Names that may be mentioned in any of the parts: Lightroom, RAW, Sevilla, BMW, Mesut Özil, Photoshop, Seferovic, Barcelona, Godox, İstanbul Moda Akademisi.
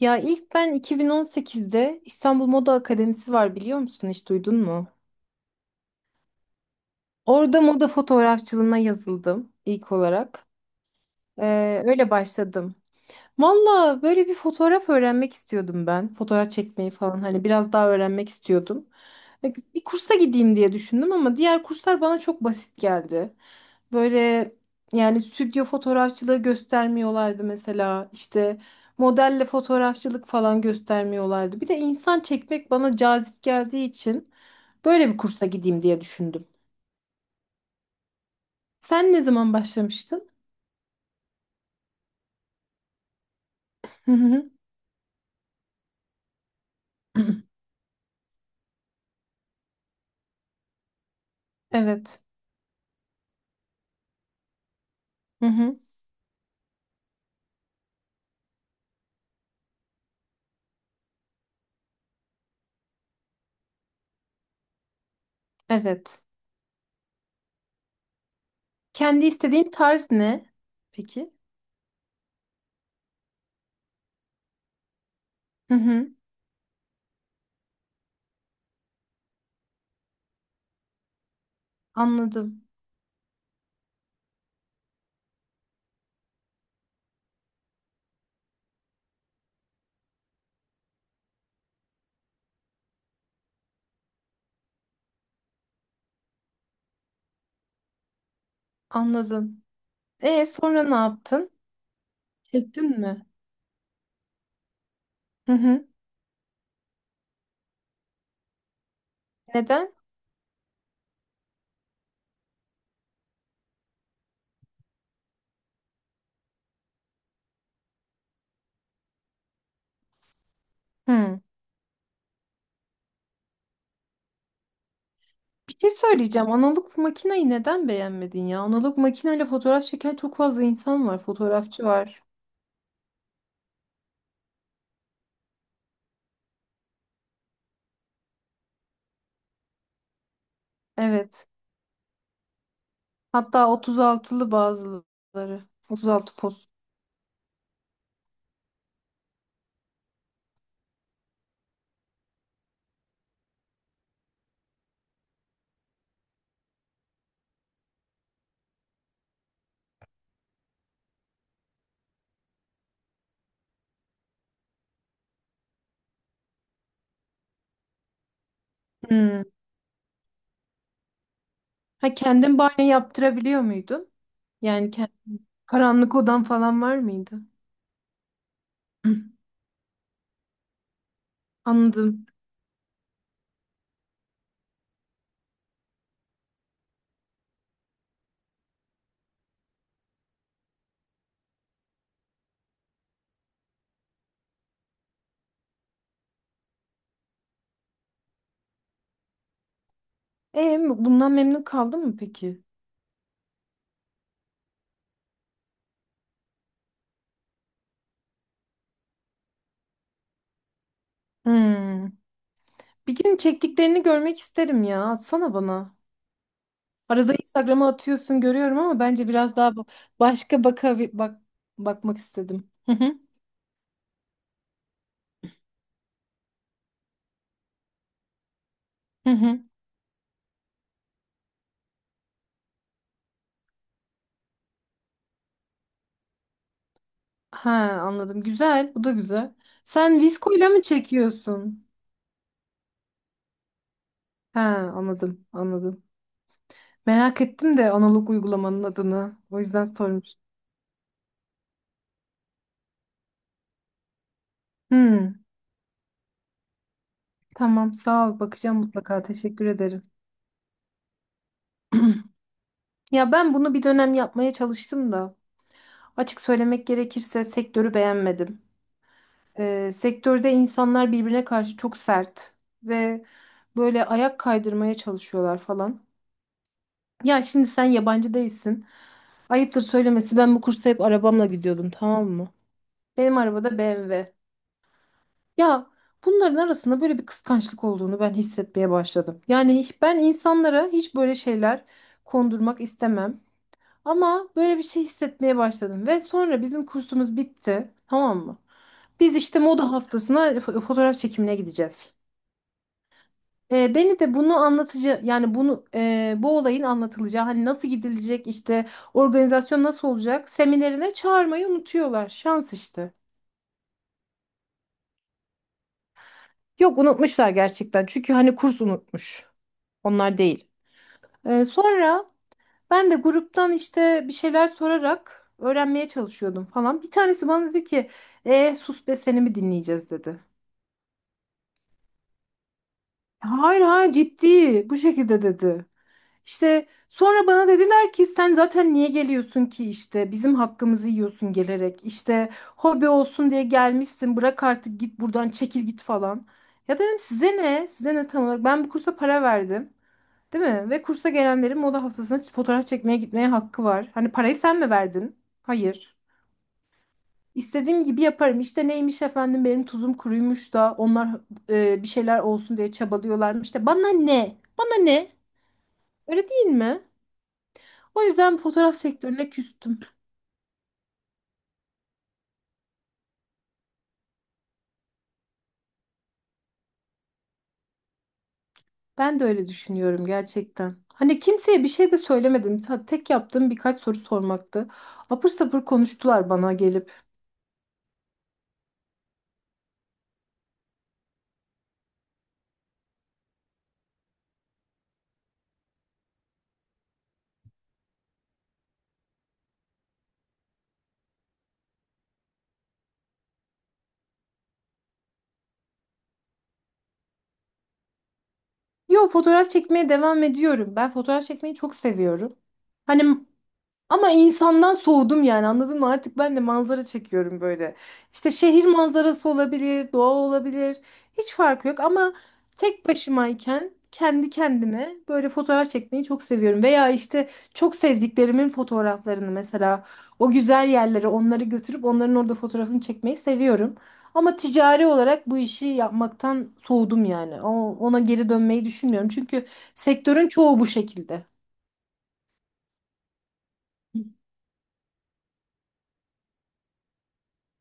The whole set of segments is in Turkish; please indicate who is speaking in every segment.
Speaker 1: Ya ilk ben 2018'de İstanbul Moda Akademisi var biliyor musun? Hiç duydun mu? Orada moda fotoğrafçılığına yazıldım ilk olarak. Öyle başladım. Valla böyle bir fotoğraf öğrenmek istiyordum ben. Fotoğraf çekmeyi falan hani biraz daha öğrenmek istiyordum. Bir kursa gideyim diye düşündüm ama diğer kurslar bana çok basit geldi. Böyle yani stüdyo fotoğrafçılığı göstermiyorlardı mesela. İşte modelle fotoğrafçılık falan göstermiyorlardı. Bir de insan çekmek bana cazip geldiği için böyle bir kursa gideyim diye düşündüm. Sen ne zaman başlamıştın? Hı hı. Evet. Hı hı. Evet. Kendi istediğin tarz ne? Peki. Hı hı. Anladım. Anladım. E sonra ne yaptın? Çektin mi? Hı hı. Neden? Hı. Bir şey söyleyeceğim. Analog makineyi neden beğenmedin ya? Analog makineyle fotoğraf çeken çok fazla insan var. Fotoğrafçı var. Evet. Hatta 36'lı bazıları. 36 poz. Hı. Ha kendin banyo yaptırabiliyor muydun? Yani kend- Karanlık odan falan var mıydı? Hı. Anladım. Bundan memnun kaldın mı peki? Hmm. Bir gün çektiklerini görmek isterim ya. Atsana bana. Arada Instagram'a atıyorsun görüyorum ama bence biraz daha ba- başka baka bak bakmak istedim. Hı hı. Hı hı. Ha anladım. Güzel. Bu da güzel. Sen Visco'yla mı çekiyorsun? Ha anladım. Anladım. Merak ettim de analog uygulamanın adını. O yüzden sormuştum. Hmm. Tamam sağ ol. Bakacağım mutlaka. Teşekkür ederim. Ya ben bunu bir dönem yapmaya çalıştım da. Açık söylemek gerekirse sektörü beğenmedim. Sektörde insanlar birbirine karşı çok sert ve böyle ayak kaydırmaya çalışıyorlar falan. Ya şimdi sen yabancı değilsin. Ayıptır söylemesi ben bu kursa hep arabamla gidiyordum, tamam mı? Benim arabada BMW. Ya bunların arasında böyle bir kıskançlık olduğunu ben hissetmeye başladım. Yani ben insanlara hiç böyle şeyler kondurmak istemem. Ama böyle bir şey hissetmeye başladım ve sonra bizim kursumuz bitti, tamam mı? Biz işte moda haftasına fotoğraf çekimine gideceğiz. Beni de bunu anlatıcı yani bu olayın anlatılacağı hani nasıl gidilecek işte organizasyon nasıl olacak seminerine çağırmayı unutuyorlar. Şans işte. Yok unutmuşlar gerçekten, çünkü hani kurs unutmuş. Onlar değil. Sonra Ben de gruptan işte bir şeyler sorarak öğrenmeye çalışıyordum falan. Bir tanesi bana dedi ki sus be, seni mi dinleyeceğiz dedi. Hayır, ciddi bu şekilde dedi. İşte sonra bana dediler ki sen zaten niye geliyorsun ki, işte bizim hakkımızı yiyorsun gelerek. İşte hobi olsun diye gelmişsin, bırak artık git buradan, çekil git falan. Ya dedim size ne, size ne, tam olarak ben bu kursa para verdim. Değil mi? Ve kursa gelenlerin moda haftasına fotoğraf çekmeye gitmeye hakkı var. Hani parayı sen mi verdin? Hayır. İstediğim gibi yaparım. İşte neymiş efendim benim tuzum kuruymuş da onlar bir şeyler olsun diye çabalıyorlarmış da bana ne? Bana ne? Öyle değil mi? O yüzden fotoğraf sektörüne küstüm. Ben de öyle düşünüyorum gerçekten. Hani kimseye bir şey de söylemedim. Tek yaptığım birkaç soru sormaktı. Apır sapır konuştular bana gelip. Yo, fotoğraf çekmeye devam ediyorum. Ben fotoğraf çekmeyi çok seviyorum. Hani ama insandan soğudum yani, anladın mı? Artık ben de manzara çekiyorum böyle. İşte şehir manzarası olabilir, doğa olabilir. Hiç farkı yok ama tek başımayken kendi kendime böyle fotoğraf çekmeyi çok seviyorum. Veya işte çok sevdiklerimin fotoğraflarını, mesela o güzel yerlere onları götürüp onların orada fotoğrafını çekmeyi seviyorum. Ama ticari olarak bu işi yapmaktan soğudum yani. Ona geri dönmeyi düşünmüyorum. Çünkü sektörün çoğu bu şekilde.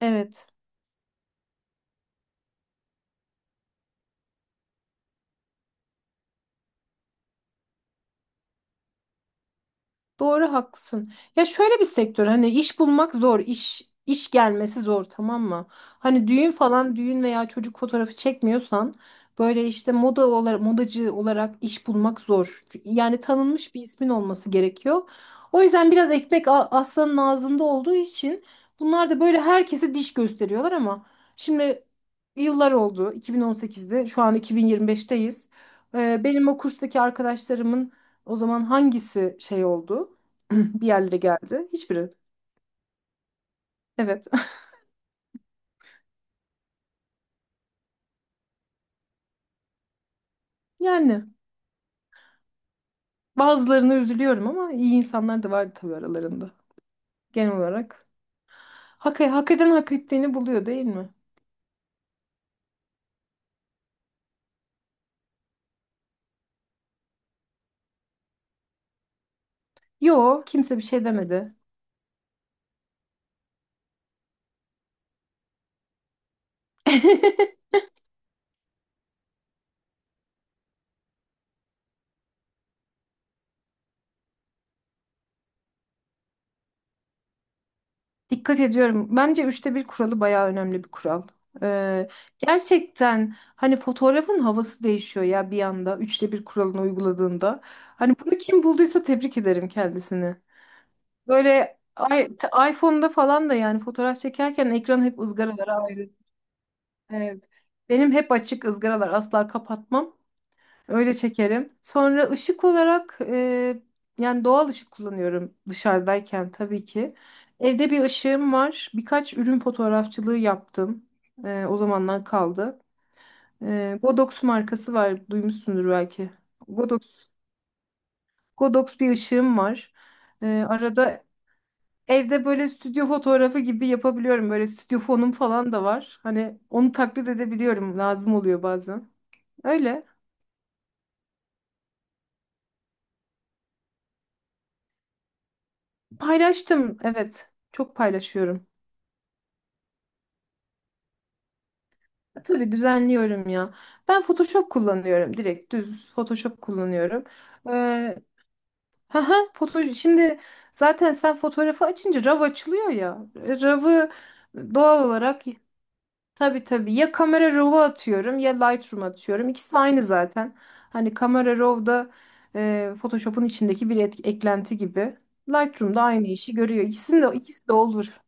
Speaker 1: Evet. Doğru, haklısın. Ya şöyle bir sektör, hani iş bulmak zor, iş gelmesi zor, tamam mı? Hani düğün falan, düğün veya çocuk fotoğrafı çekmiyorsan böyle işte moda olarak, modacı olarak iş bulmak zor. Yani tanınmış bir ismin olması gerekiyor. O yüzden biraz ekmek aslanın ağzında olduğu için bunlar da böyle herkese diş gösteriyorlar ama şimdi yıllar oldu, 2018'de, şu an 2025'teyiz. Benim o kurstaki arkadaşlarımın o zaman hangisi şey oldu? Bir yerlere geldi. Hiçbiri. Evet. Yani bazılarına üzülüyorum ama iyi insanlar da vardı tabii aralarında. Genel olarak. Hak eden hak ettiğini buluyor, değil mi? Yo, kimse bir şey demedi. Dikkat ediyorum. Bence üçte bir kuralı bayağı önemli bir kural. Ee, Gerçekten hani fotoğrafın havası değişiyor ya bir anda üçte bir kuralını uyguladığında. Hani bunu kim bulduysa tebrik ederim kendisini. Böyle i- iPhone'da falan da yani fotoğraf çekerken ekran hep ızgaralara ayrı. Evet. Benim hep açık ızgaralar, asla kapatmam. Öyle çekerim. Sonra ışık olarak yani doğal ışık kullanıyorum dışarıdayken tabii ki. Evde bir ışığım var. Birkaç ürün fotoğrafçılığı yaptım. O zamandan kaldı. Godox markası var. Duymuşsundur belki. Godox. Godox bir ışığım var. Arada evde böyle stüdyo fotoğrafı gibi yapabiliyorum. Böyle stüdyo fonum falan da var. Hani onu taklit edebiliyorum. Lazım oluyor bazen. Öyle. Paylaştım. Evet. Çok paylaşıyorum. Tabii düzenliyorum ya. Ben Photoshop kullanıyorum. Direkt düz Photoshop kullanıyorum. Ee, haha, foto Şimdi zaten sen fotoğrafı açınca RAW açılıyor ya. RAW'ı doğal olarak, tabii ya, kamera RAW'u atıyorum ya Lightroom atıyorum. İkisi de aynı zaten. Hani kamera RAW'da Photoshop'un içindeki bir eklenti gibi. Lightroom da aynı işi görüyor. İkisi de olur.